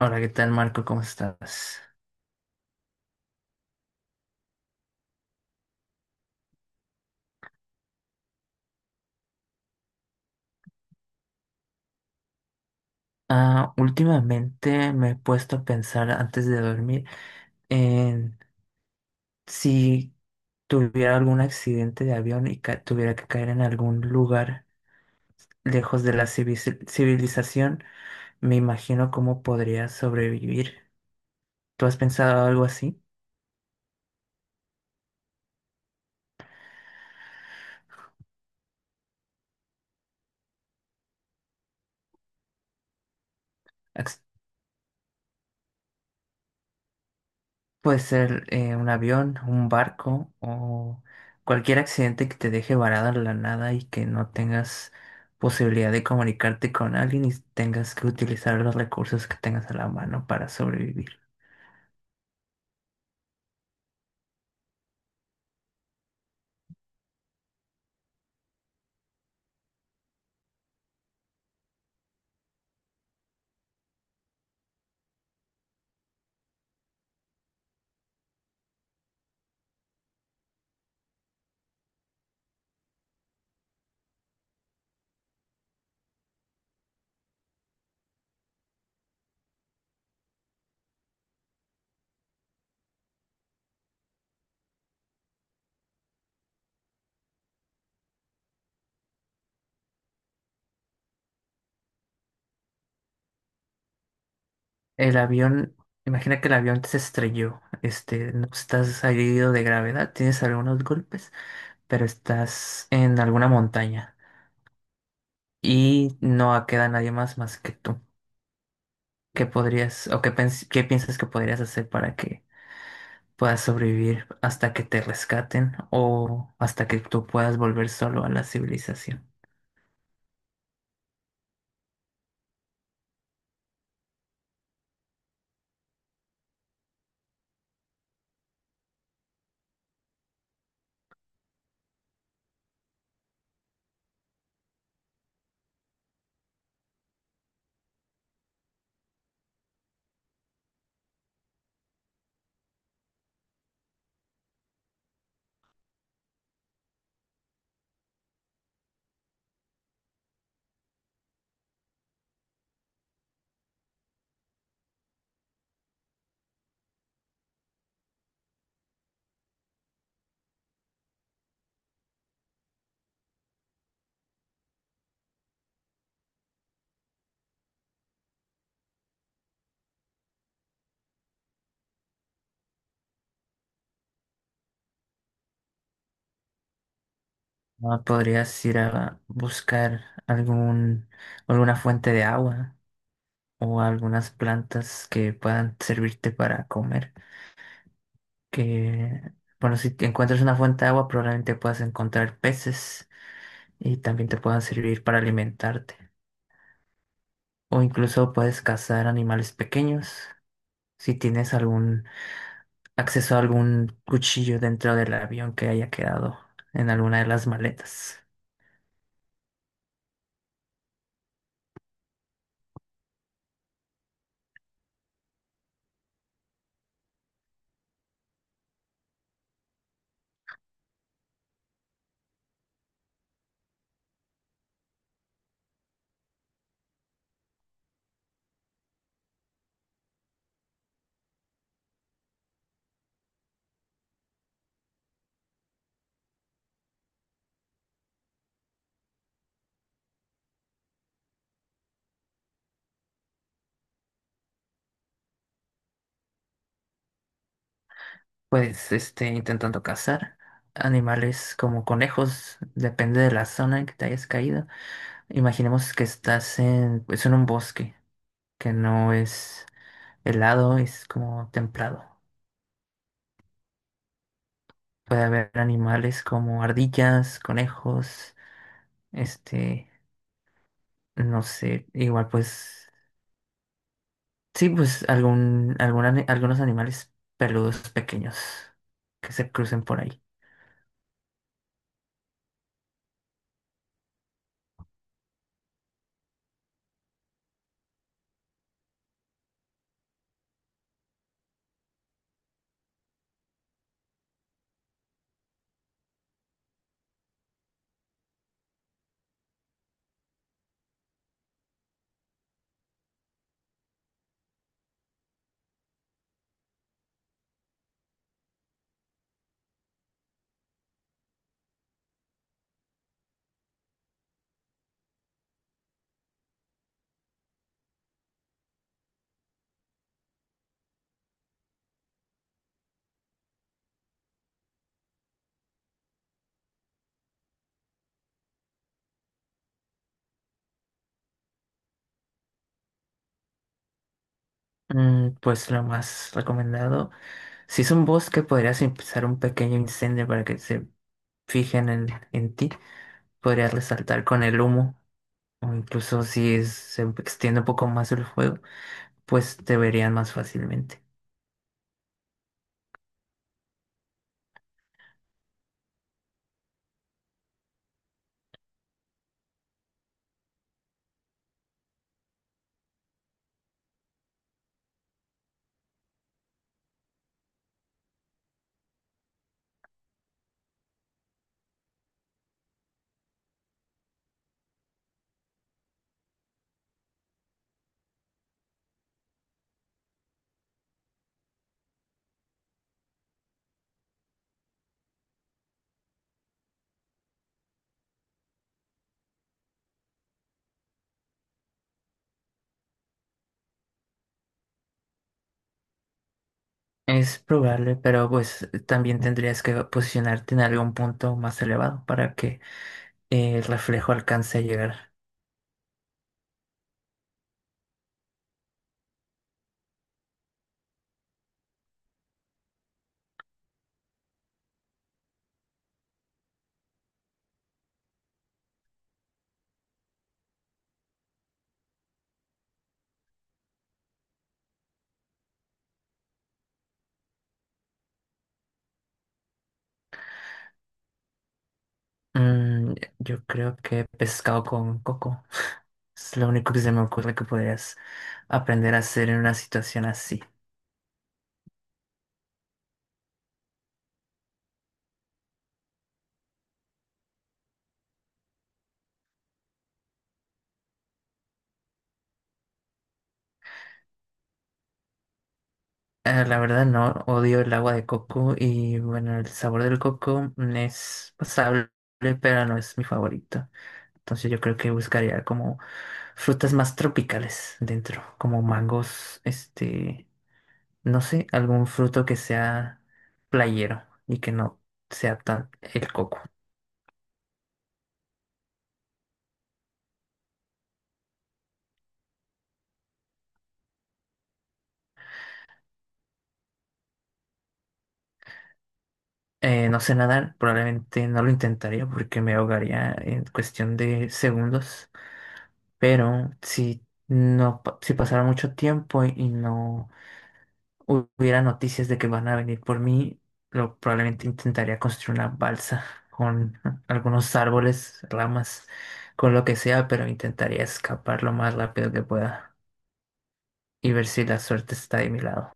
Hola, ¿qué tal, Marco? ¿Cómo estás? Ah, últimamente me he puesto a pensar antes de dormir en si tuviera algún accidente de avión y tuviera que caer en algún lugar lejos de la civilización, me imagino cómo podría sobrevivir. ¿Tú has pensado algo así? Puede ser un avión, un barco o cualquier accidente que te deje varado en la nada y que no tengas posibilidad de comunicarte con alguien y tengas que utilizar los recursos que tengas a la mano para sobrevivir. El avión, imagina que el avión se estrelló, este, no estás herido de gravedad, tienes algunos golpes, pero estás en alguna montaña y no queda nadie más que tú. ¿Qué podrías o qué piensas que podrías hacer para que puedas sobrevivir hasta que te rescaten o hasta que tú puedas volver solo a la civilización? Ah, podrías ir a buscar algún, alguna fuente de agua o algunas plantas que puedan servirte para comer. Que, bueno, si te encuentras una fuente de agua, probablemente puedas encontrar peces y también te puedan servir para alimentarte. O incluso puedes cazar animales pequeños. Si tienes algún acceso a algún cuchillo dentro del avión que haya quedado en alguna de las maletas. Pues, este, intentando cazar animales como conejos, depende de la zona en que te hayas caído. Imaginemos que estás en, pues, en un bosque que no es helado, es como templado. Puede haber animales como ardillas, conejos, este, no sé, igual pues sí, pues algún algunos animales peludos pequeños que se crucen por ahí. Mm, pues lo más recomendado, si es un bosque, podrías empezar un pequeño incendio para que se fijen en ti. Podrías resaltar con el humo, o incluso si se extiende un poco más el fuego, pues te verían más fácilmente. Es probable, pero pues también tendrías que posicionarte en algún punto más elevado para que el reflejo alcance a llegar. Mm, yo creo que pescado con coco. Es lo único que se me ocurre que podrías aprender a hacer en una situación así. La verdad no, odio el agua de coco y bueno, el sabor del coco mm, es pasable, pero no es mi favorito. Entonces yo creo que buscaría como frutas más tropicales dentro, como mangos, este, no sé, algún fruto que sea playero y que no sea tan el coco. No sé nadar, probablemente no lo intentaría porque me ahogaría en cuestión de segundos, pero si no, si pasara mucho tiempo y no hubiera noticias de que van a venir por mí, lo, probablemente intentaría construir una balsa con algunos árboles, ramas, con lo que sea, pero intentaría escapar lo más rápido que pueda y ver si la suerte está de mi lado.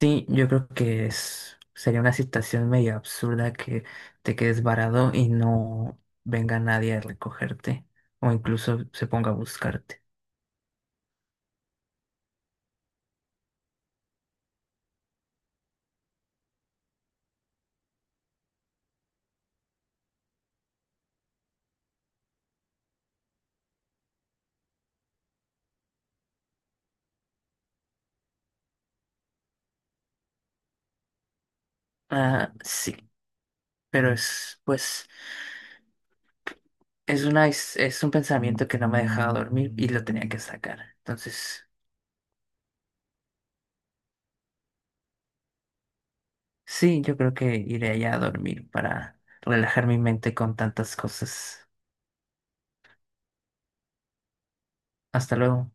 Sí, yo creo que es, sería una situación medio absurda que te quedes varado y no venga nadie a recogerte o incluso se ponga a buscarte. Ah, sí, pero es, pues, es una, es un pensamiento que no me dejaba dormir y lo tenía que sacar. Entonces, sí, yo creo que iré allá a dormir para relajar mi mente con tantas cosas. Hasta luego.